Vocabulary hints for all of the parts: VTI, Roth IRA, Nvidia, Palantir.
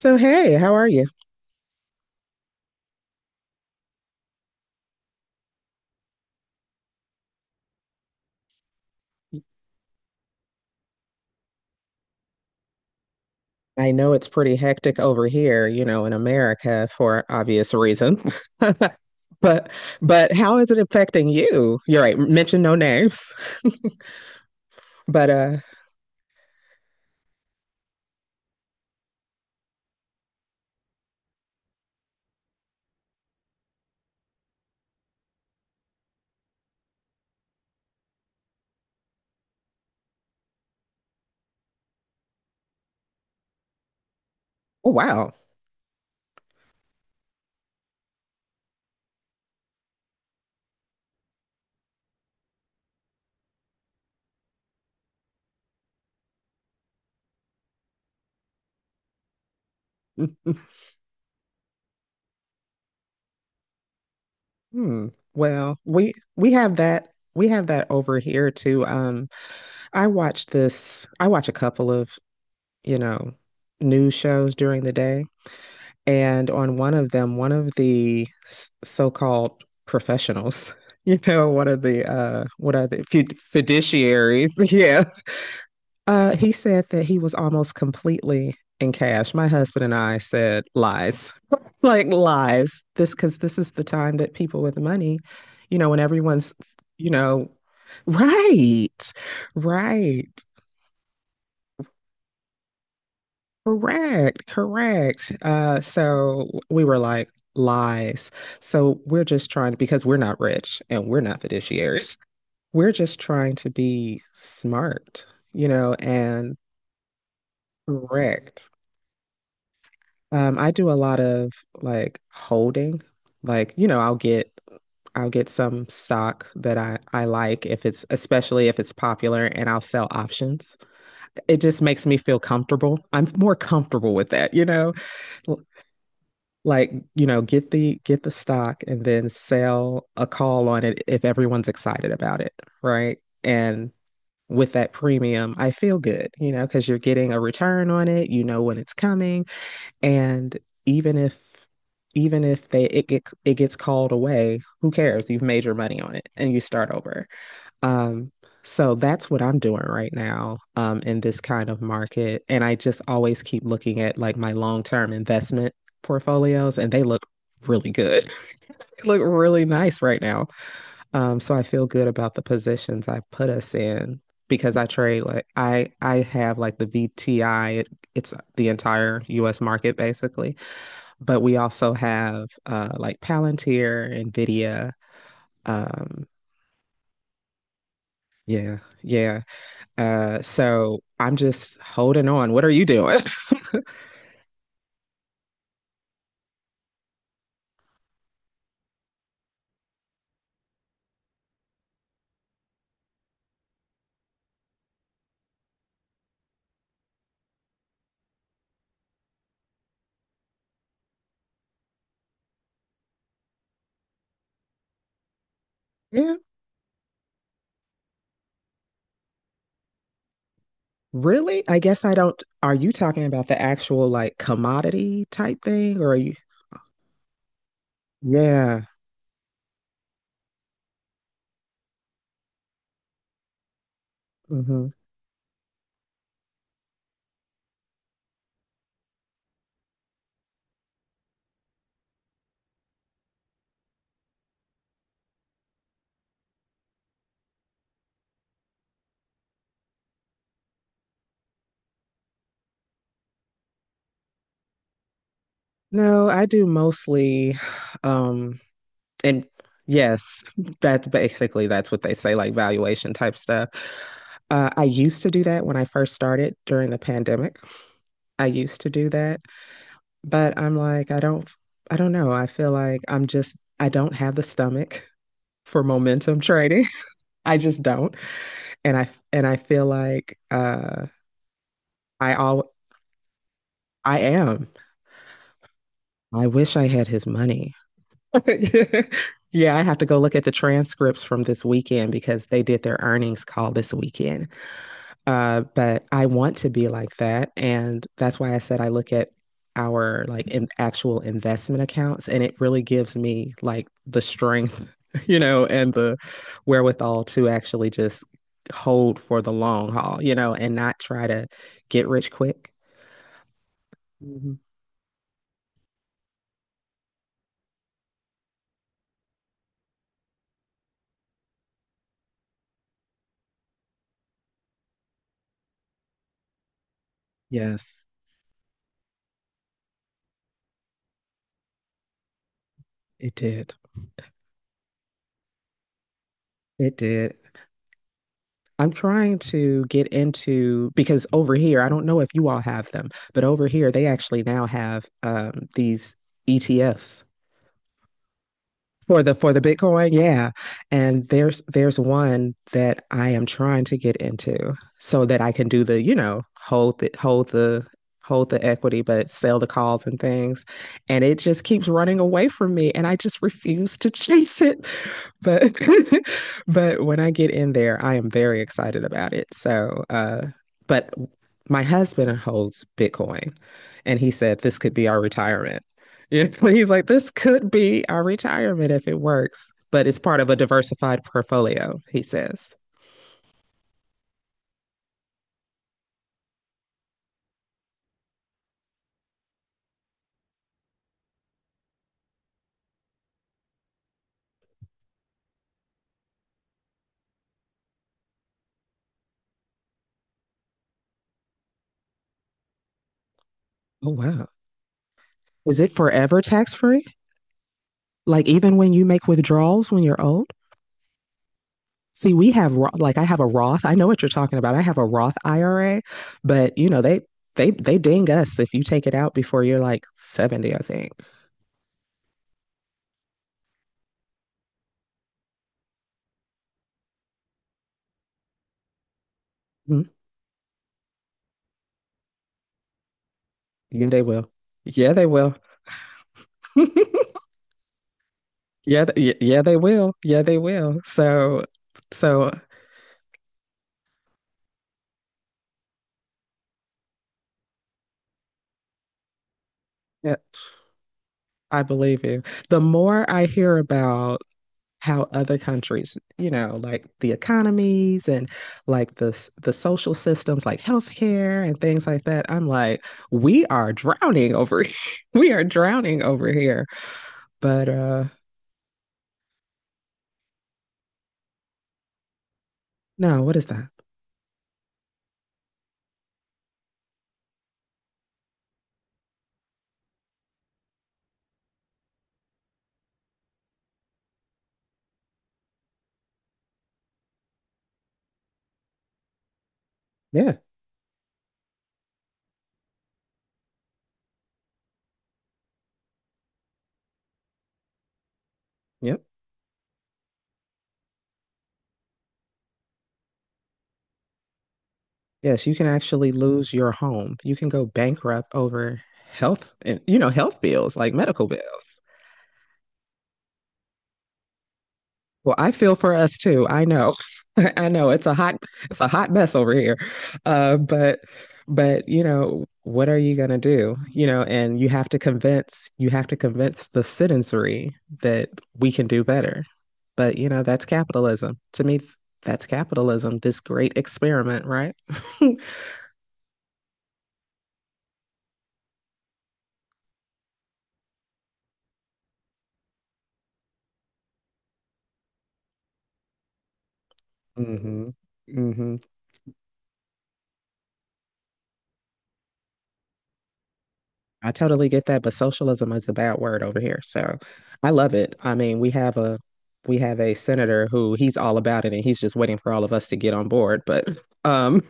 So, hey, how are you? I know it's pretty hectic over here, you know, in America for obvious reason. But but how is it affecting you? You're right, mention no names. But oh, wow. Hmm. Well, we have that over here too. I watch this I watch a couple of, you know, news shows during the day. And on one of them, one of the so-called professionals, you know, one of the what are the fiduciaries, yeah. He said that he was almost completely in cash. My husband and I said lies. Like lies. This, because this is the time that people with money, you know, when everyone's, you know, right. Right. Correct, correct. So we were like lies. So we're just trying to, because we're not rich and we're not fiduciaries. We're just trying to be smart, you know, and correct. I do a lot of like holding, like, you know, I'll get some stock that I like, if it's especially if it's popular, and I'll sell options. It just makes me feel comfortable. I'm more comfortable with that, you know? Like, you know, get the stock and then sell a call on it if everyone's excited about it, right? And with that premium, I feel good, you know, because you're getting a return on it, you know when it's coming, and even if even if they it, it it gets called away, who cares? You've made your money on it and you start over. Um, so that's what I'm doing right now, in this kind of market. And I just always keep looking at like my long-term investment portfolios, and they look really good. They look really nice right now. So I feel good about the positions I put us in, because I trade like I have like the VTI, it's the entire US market basically, but we also have like Palantir, Nvidia, um, yeah. Yeah, uh, so I'm just holding on. What are you doing? Yeah, really? I guess I don't. Are you talking about the actual like commodity type thing, or are you? Yeah. Hmm. No, I do mostly, um, and yes, that's basically that's what they say, like valuation type stuff. I used to do that when I first started during the pandemic. I used to do that, but I'm like, I don't know. I feel like I don't have the stomach for momentum trading. I just don't. And I feel like I all I am. I wish I had his money. yeah, I have to go look at the transcripts from this weekend because they did their earnings call this weekend. But I want to be like that. And that's why I said I look at our like in actual investment accounts, and it really gives me like the strength, you know, and the wherewithal to actually just hold for the long haul, you know, and not try to get rich quick. Mhm. Yes, it did. It did. I'm trying to get into, because over here, I don't know if you all have them, but over here they actually now have these ETFs for the for the Bitcoin, yeah. And there's one that I am trying to get into so that I can do the, you know, hold the equity but sell the calls and things. And it just keeps running away from me and I just refuse to chase it. But but when I get in there, I am very excited about it. So, but my husband holds Bitcoin and he said this could be our retirement. Yeah, he's like, this could be our retirement if it works, but it's part of a diversified portfolio, he says. Oh, wow. Is it forever tax free? Like even when you make withdrawals when you're old? See, we have like I have a Roth. I know what you're talking about. I have a Roth IRA, but you know they they ding us if you take it out before you're like 70, I think. Mhm. Yeah, they will. Yeah, they will. Yeah, yeah, they will. Yeah, they will. So so yeah, I believe you. The more I hear about how other countries, you know, like the economies and like the the social systems, like healthcare and things like that. I'm like, we are drowning over here. We are drowning over here. But no, what is that? Yeah. Yep. Yes, you can actually lose your home. You can go bankrupt over health and you know, health bills, like medical bills. Well, I feel for us too. I know. I know it's a hot mess over here. Uh, but but you know, what are you gonna do? You know, and you have to convince the citizenry that we can do better. But you know, that's capitalism. To me, that's capitalism, this great experiment, right? hmm. Hmm. I totally get that, but socialism is a bad word over here. So I love it. I mean, we have a senator who he's all about it and he's just waiting for all of us to get on board, um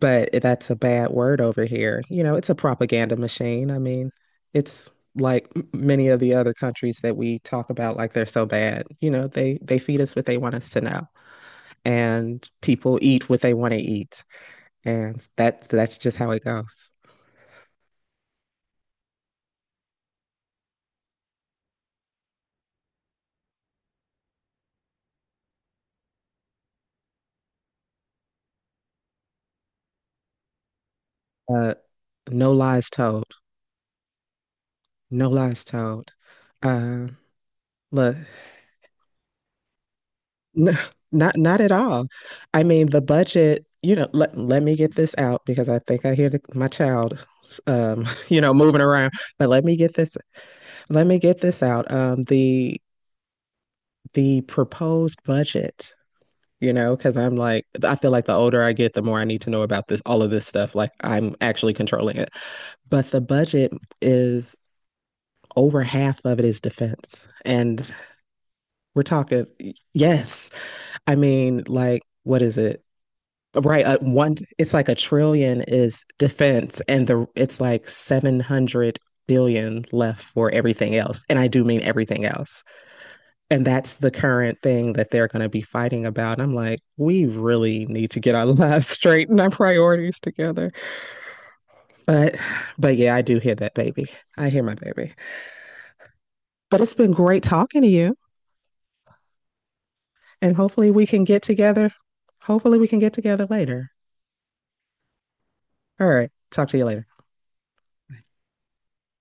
but that's a bad word over here. You know, it's a propaganda machine. I mean, it's like many of the other countries that we talk about, like they're so bad. You know, they feed us what they want us to know and people eat what they want to eat. And that's just how it goes. Uh, no lies told. No lies told. Uh, look, no, not at all. I mean, the budget, you know, let me get this out because I think I hear the, my child you know, moving around. But let me get this out. The proposed budget, you know, because I'm like I feel like the older I get, the more I need to know about this all of this stuff. Like I'm actually controlling it. But the budget is over half of it is defense. And we're talking, yes. I mean, like, what is it? Right, one. It's like a trillion is defense, and the it's like 700 billion left for everything else, and I do mean everything else. And that's the current thing that they're going to be fighting about. And I'm like, we really need to get our lives straight and our priorities together. But, but yeah, I do hear that baby. I hear my baby. But it's been great talking to you, and hopefully we can get together. Hopefully we can get together later. All right, talk to you later.